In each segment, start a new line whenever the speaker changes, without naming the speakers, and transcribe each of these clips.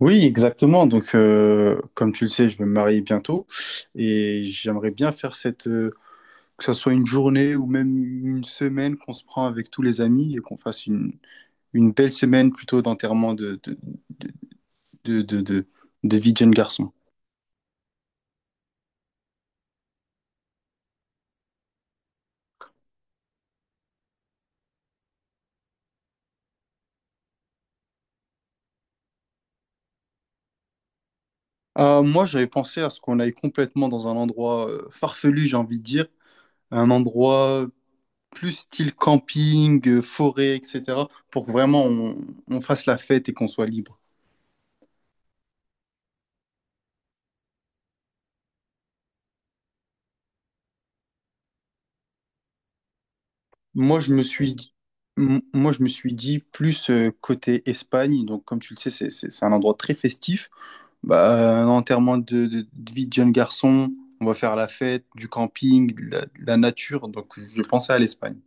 Oui, exactement. Donc, comme tu le sais, je vais me marier bientôt et j'aimerais bien faire cette, que ce soit une journée ou même une semaine qu'on se prend avec tous les amis et qu'on fasse une belle semaine plutôt d'enterrement de, de, de, de- de vie de jeune garçon. Moi, j'avais pensé à ce qu'on aille complètement dans un endroit farfelu, j'ai envie de dire, un endroit plus style camping, forêt, etc., pour que vraiment on fasse la fête et qu'on soit libre. Moi, je me suis dit, moi, je me suis dit plus côté Espagne. Donc, comme tu le sais, c'est un endroit très festif. Bah, un enterrement de vie de jeune garçon, on va faire la fête, du camping, de la nature. Donc, je pensais à l'Espagne.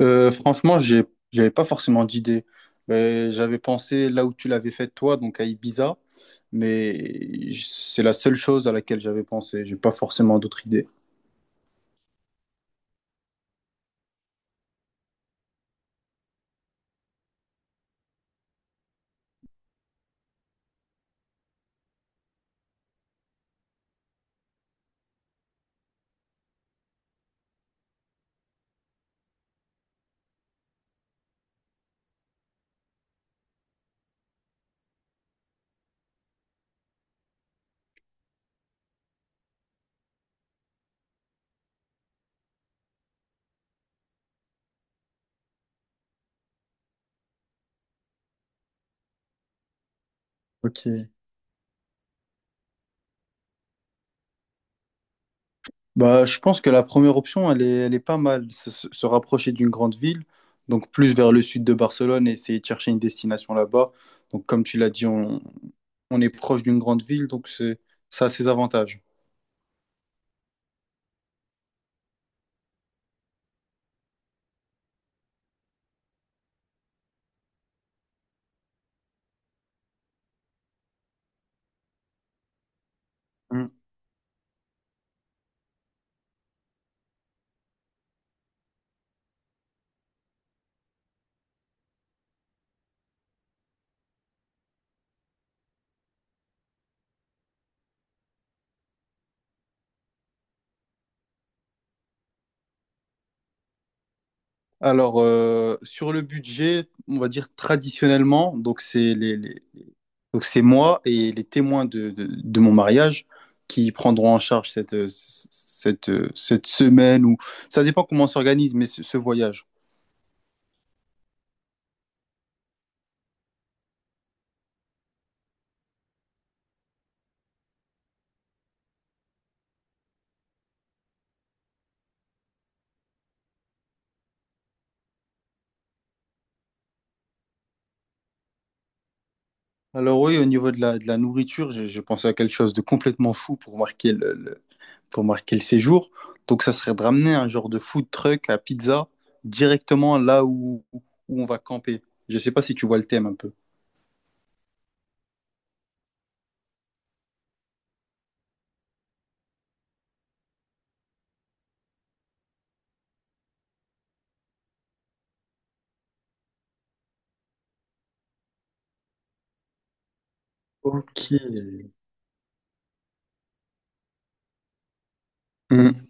Franchement, j'avais pas forcément d'idée. Mais j'avais pensé là où tu l'avais fait toi, donc à Ibiza. Mais c'est la seule chose à laquelle j'avais pensé. J'ai pas forcément d'autres idées. Ok. Bah, je pense que la première option, elle est pas mal. Se rapprocher d'une grande ville, donc plus vers le sud de Barcelone et essayer de chercher une destination là-bas. Donc, comme tu l'as dit, on est proche d'une grande ville, donc c'est, ça a ses avantages. Mm. Alors, sur le budget, on va dire traditionnellement, donc c'est moi et les témoins de mon mariage qui prendront en charge cette, cette, cette semaine ou ça dépend comment on s'organise, mais ce voyage. Alors oui, au niveau de la nourriture, j'ai pensé à quelque chose de complètement fou pour marquer pour marquer le séjour. Donc ça serait de ramener un genre de food truck à pizza directement là où, où on va camper. Je sais pas si tu vois le thème un peu. Ok. Mm.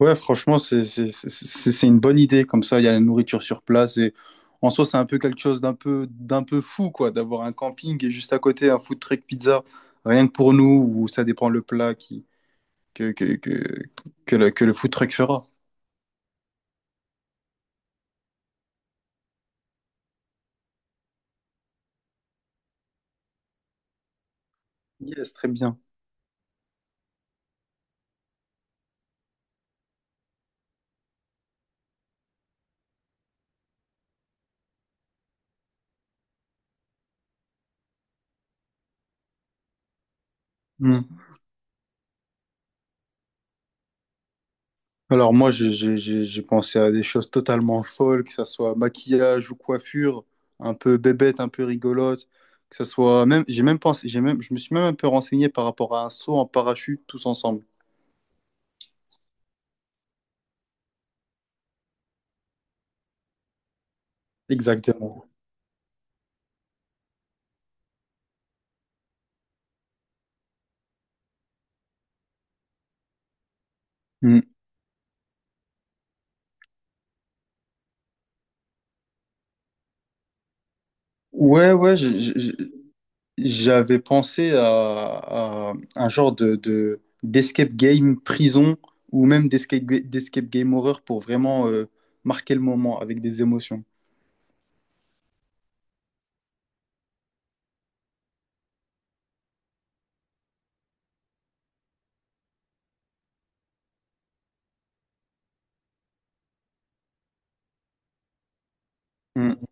Ouais, franchement, c'est une bonne idée. Comme ça, il y a la nourriture sur place. Et en soi, c'est un peu quelque chose d'un peu fou, quoi, d'avoir un camping et juste à côté un food truck pizza, rien que pour nous, ou ça dépend le plat qui, que, que, que, que le food truck fera. Yes, très bien. Hmm. Alors moi, j'ai pensé à des choses totalement folles, que ça soit maquillage ou coiffure, un peu bébête, un peu rigolote, que ça soit même, j'ai même pensé, j'ai même, je me suis même un peu renseigné par rapport à un saut en parachute tous ensemble. Exactement. Hmm. Ouais, ouais, j'avais pensé à un genre d'escape game prison ou même d'escape game horreur pour vraiment marquer le moment avec des émotions. Mm,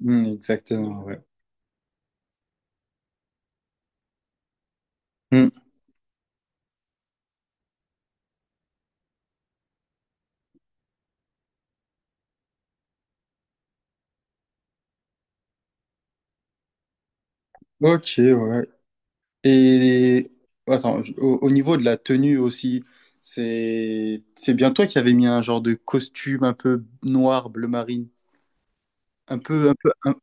mm, exactement, ouais. Mm. Ok, ouais. Et attends, au, au niveau de la tenue aussi, c'est bien toi qui avais mis un genre de costume un peu noir, bleu marine, un peu, un peu, un-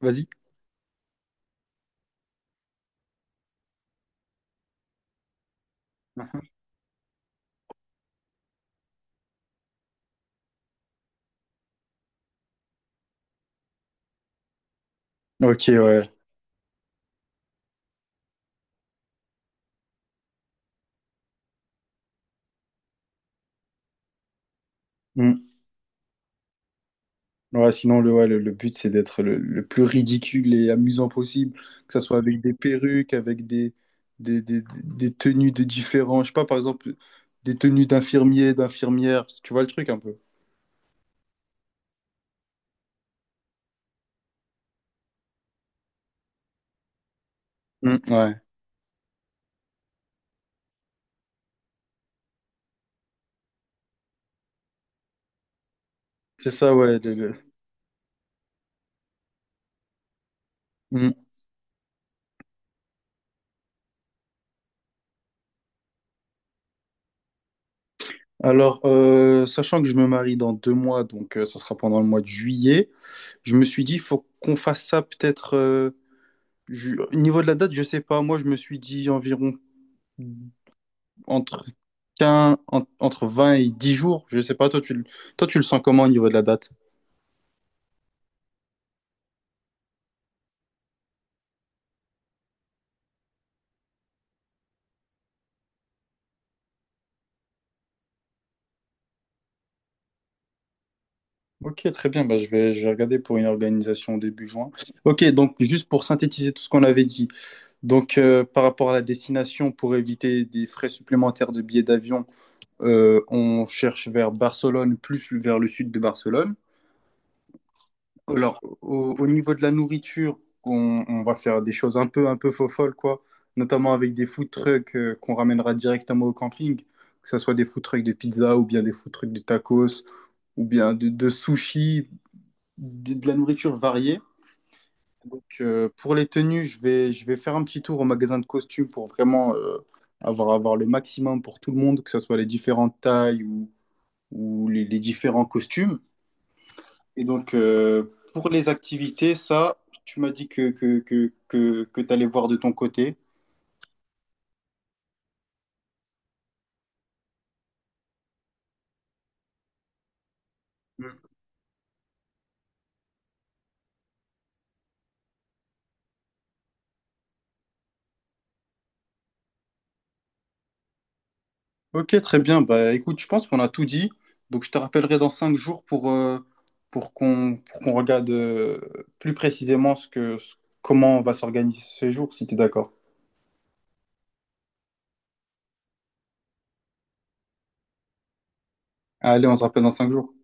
vas-y. Mhm. Ok, ouais. Mm. Ouais, sinon, le but, c'est d'être le plus ridicule et amusant possible, que ça soit avec des perruques, avec des tenues de différents, je sais pas, par exemple, des tenues d'infirmiers, d'infirmières, tu vois le truc un peu. Mm, ouais, c'est ça, ouais. Mm. Alors, sachant que je me marie dans 2 mois, donc ça sera pendant le mois de juillet, je me suis dit, il faut qu'on fasse ça peut-être. Au niveau de la date, je sais pas, moi, je me suis dit environ entre entre 20 et 10 jours. Je sais pas, toi, tu le sens comment au niveau de la date? Ok, très bien. Bah, je vais regarder pour une organisation début juin. Ok, donc juste pour synthétiser tout ce qu'on avait dit. Donc, par rapport à la destination, pour éviter des frais supplémentaires de billets d'avion, on cherche vers Barcelone, plus vers le sud de Barcelone. Alors, au, au niveau de la nourriture, on va faire des choses un peu folles, quoi. Notamment avec des food trucks qu'on ramènera directement au camping, que ce soit des food trucks de pizza ou bien des food trucks de tacos ou bien de sushi, de la nourriture variée. Donc, pour les tenues, je vais faire un petit tour au magasin de costumes pour vraiment avoir, avoir le maximum pour tout le monde, que ce soit les différentes tailles ou les différents costumes. Et donc, pour les activités, ça, tu m'as dit que tu allais voir de ton côté. Mm. Ok, très bien. Bah, écoute, je pense qu'on a tout dit. Donc, je te rappellerai dans 5 jours pour qu'on regarde plus précisément comment on va s'organiser ce jour, si tu es d'accord. Allez, on se rappelle dans 5 jours.